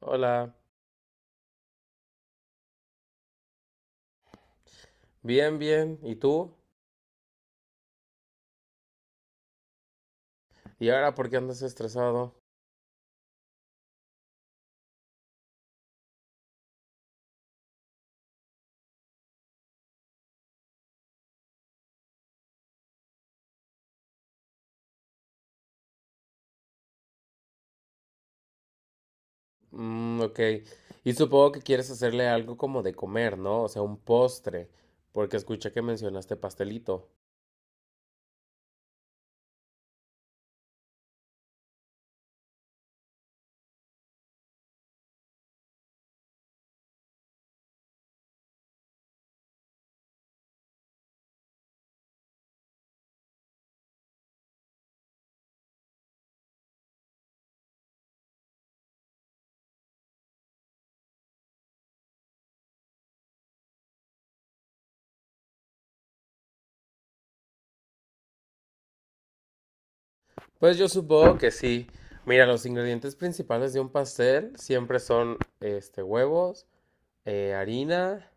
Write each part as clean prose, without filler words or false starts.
Hola, bien. ¿Y tú? ¿Y ahora por qué andas estresado? Mm, ok. Y supongo que quieres hacerle algo como de comer, ¿no? O sea, un postre, porque escuché que mencionaste pastelito. Pues yo supongo que sí. Mira, los ingredientes principales de un pastel siempre son, huevos, harina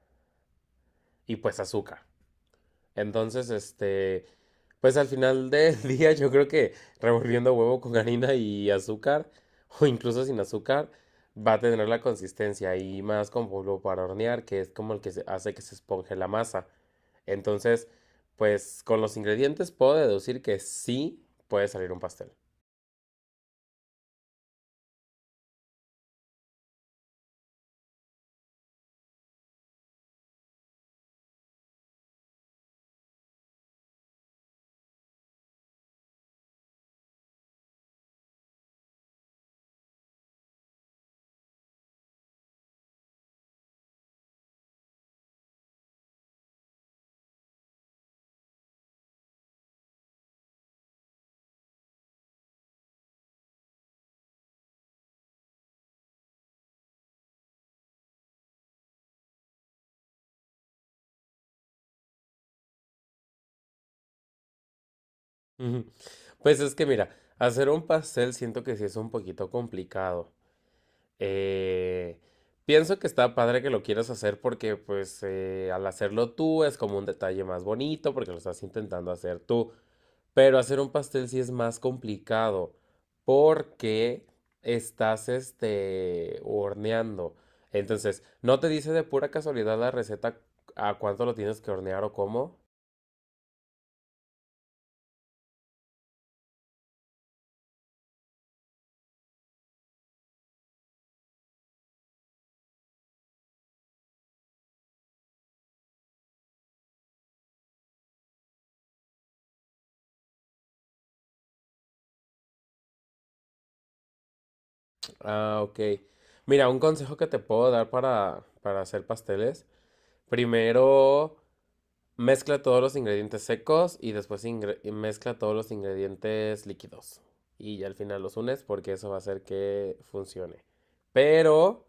y pues azúcar. Entonces, este, Pues al final del día yo creo que revolviendo huevo con harina y azúcar, o incluso sin azúcar, va a tener la consistencia y más con polvo para hornear, que es como hace que se esponje la masa. Entonces, pues con los ingredientes puedo deducir que sí puede salir un pastel. Ujú. Pues es que mira, hacer un pastel siento que sí es un poquito complicado. Eh, pienso que está padre que lo quieras hacer porque pues al hacerlo tú es como un detalle más bonito porque lo estás intentando hacer tú, pero hacer un pastel sí es más complicado porque estás horneando. Entonces, ¿no te dice de pura casualidad la receta a cuánto lo tienes que hornear o cómo? Ah, ok. Mira, un consejo que te puedo dar para hacer pasteles. Primero, mezcla todos los ingredientes secos y después mezcla todos los ingredientes líquidos. Y ya al final los unes porque eso va a hacer que funcione. Pero,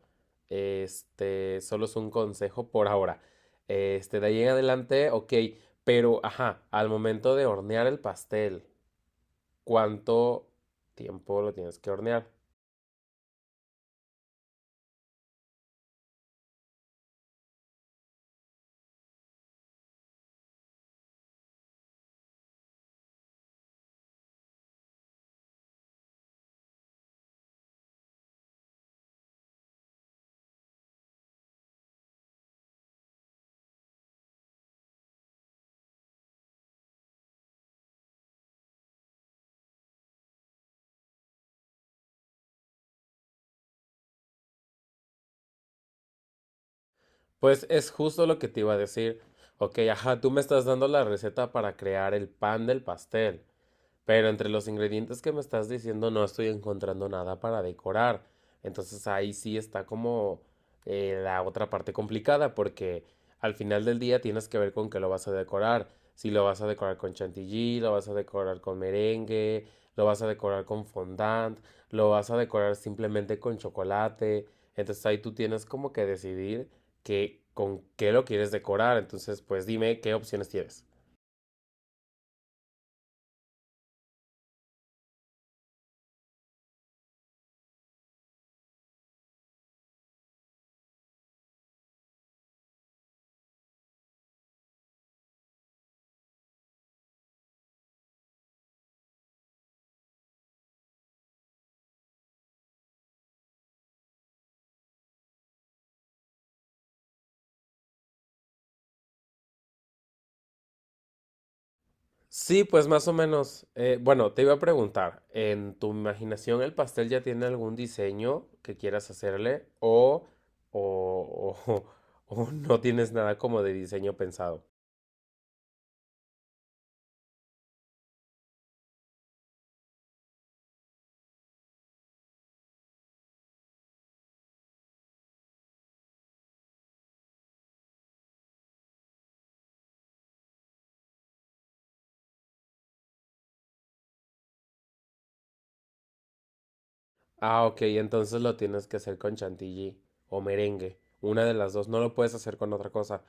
este, solo es un consejo por ahora. De ahí en adelante, ok, pero, ajá, al momento de hornear el pastel, ¿cuánto tiempo lo tienes que hornear? Pues es justo lo que te iba a decir. Ok, ajá, tú me estás dando la receta para crear el pan del pastel. Pero entre los ingredientes que me estás diciendo no estoy encontrando nada para decorar. Entonces ahí sí está como la otra parte complicada porque al final del día tienes que ver con qué lo vas a decorar. Si lo vas a decorar con chantilly, lo vas a decorar con merengue, lo vas a decorar con fondant, lo vas a decorar simplemente con chocolate. Entonces ahí tú tienes como que decidir con qué lo quieres decorar. Entonces pues dime qué opciones tienes. Sí, pues más o menos. Bueno, te iba a preguntar, ¿en tu imaginación el pastel ya tiene algún diseño que quieras hacerle o o no tienes nada como de diseño pensado? Ah, ok, entonces lo tienes que hacer con chantilly o merengue, una de las dos, no lo puedes hacer con otra cosa.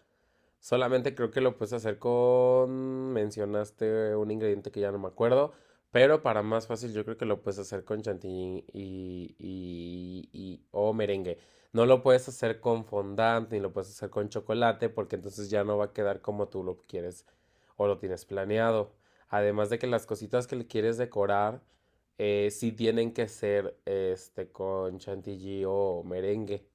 Solamente creo que lo puedes hacer con... Mencionaste un ingrediente que ya no me acuerdo, pero para más fácil yo creo que lo puedes hacer con chantilly y o merengue. No lo puedes hacer con fondant ni lo puedes hacer con chocolate porque entonces ya no va a quedar como tú lo quieres o lo tienes planeado. Además de que las cositas que le quieres decorar sí tienen que ser con chantilly o merengue.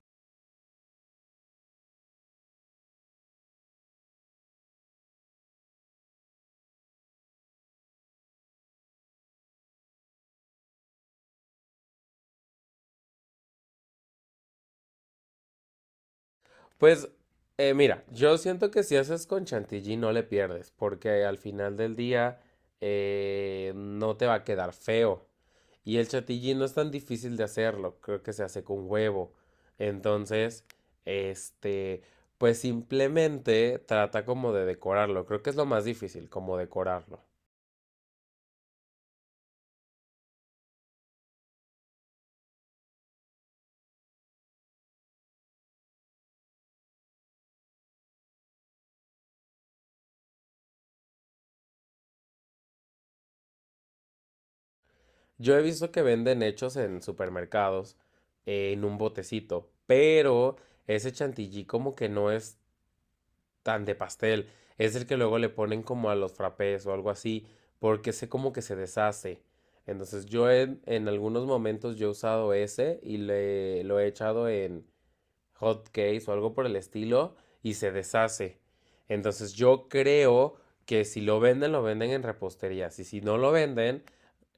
Pues mira, yo siento que si haces con chantilly no le pierdes, porque al final del día no te va a quedar feo. Y el chantilly no es tan difícil de hacerlo, creo que se hace con huevo. Entonces, este, pues simplemente trata como de decorarlo, creo que es lo más difícil, como decorarlo. Yo he visto que venden hechos en supermercados en un botecito, pero ese chantilly como que no es tan de pastel. Es el que luego le ponen como a los frappés o algo así, porque sé como que se deshace. Entonces yo en algunos momentos yo he usado ese y lo he echado en hot cakes o algo por el estilo y se deshace. Entonces yo creo que si lo venden, lo venden en reposterías y si no lo venden,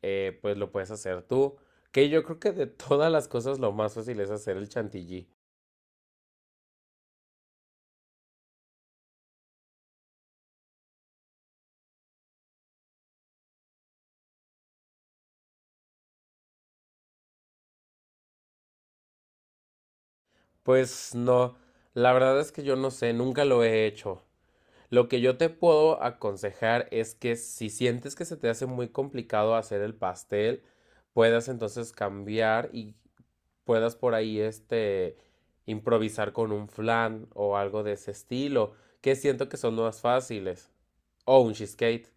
pues lo puedes hacer tú. Que yo creo que de todas las cosas lo más fácil es hacer el chantilly. Pues no, la verdad es que yo no sé, nunca lo he hecho. Lo que yo te puedo aconsejar es que si sientes que se te hace muy complicado hacer el pastel, puedas entonces cambiar y puedas por ahí improvisar con un flan o algo de ese estilo, que siento que son más fáciles, o un cheesecake.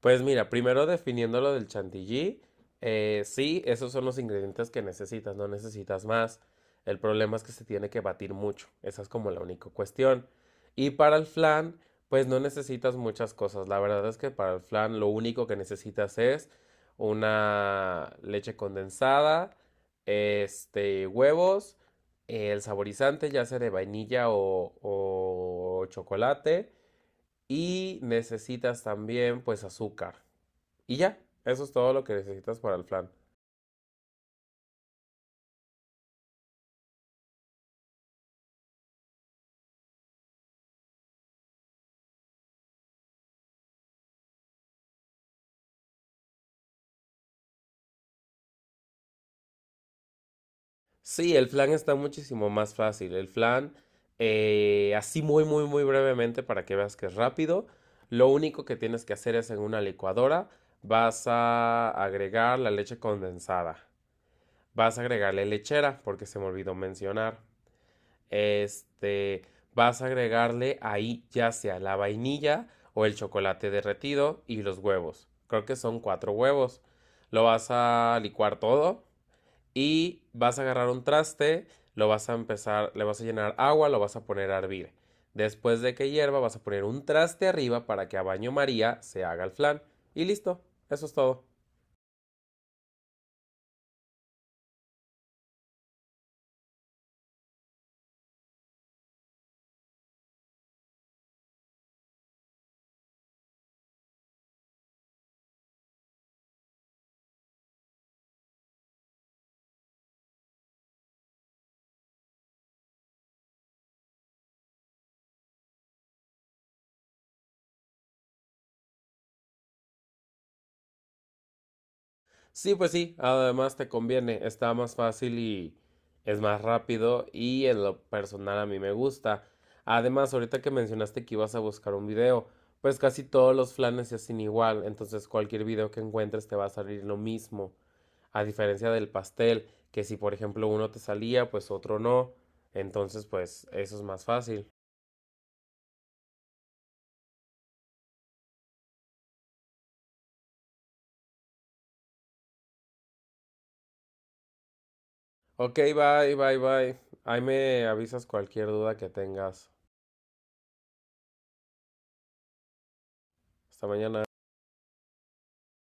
Pues mira, primero definiendo lo del chantilly, sí, esos son los ingredientes que necesitas, no necesitas más. El problema es que se tiene que batir mucho, esa es como la única cuestión. Y para el flan, pues no necesitas muchas cosas. La verdad es que para el flan lo único que necesitas es una leche condensada, huevos, el saborizante, ya sea de vainilla o chocolate, y necesitas también pues azúcar. Y ya, eso es todo lo que necesitas para el flan. Sí, el flan está muchísimo más fácil. El flan, así muy, muy, muy brevemente para que veas que es rápido. Lo único que tienes que hacer es en una licuadora vas a agregar la leche condensada. Vas a agregarle lechera, porque se me olvidó mencionar. Este, Vas a agregarle ahí ya sea la vainilla o el chocolate derretido y los huevos. Creo que son 4 huevos. Lo vas a licuar todo y vas a agarrar un traste, lo vas a empezar, le vas a llenar agua, lo vas a poner a hervir. Después de que hierva, vas a poner un traste arriba para que a baño María se haga el flan. Y listo, eso es todo. Sí, pues sí, además te conviene, está más fácil y es más rápido y en lo personal a mí me gusta. Además, ahorita que mencionaste que ibas a buscar un video, pues casi todos los flanes se hacen igual, entonces cualquier video que encuentres te va a salir lo mismo. A diferencia del pastel, que si por ejemplo uno te salía, pues otro no. Entonces, pues eso es más fácil. Ok, bye, bye, bye. Ahí me avisas cualquier duda que tengas. Hasta mañana.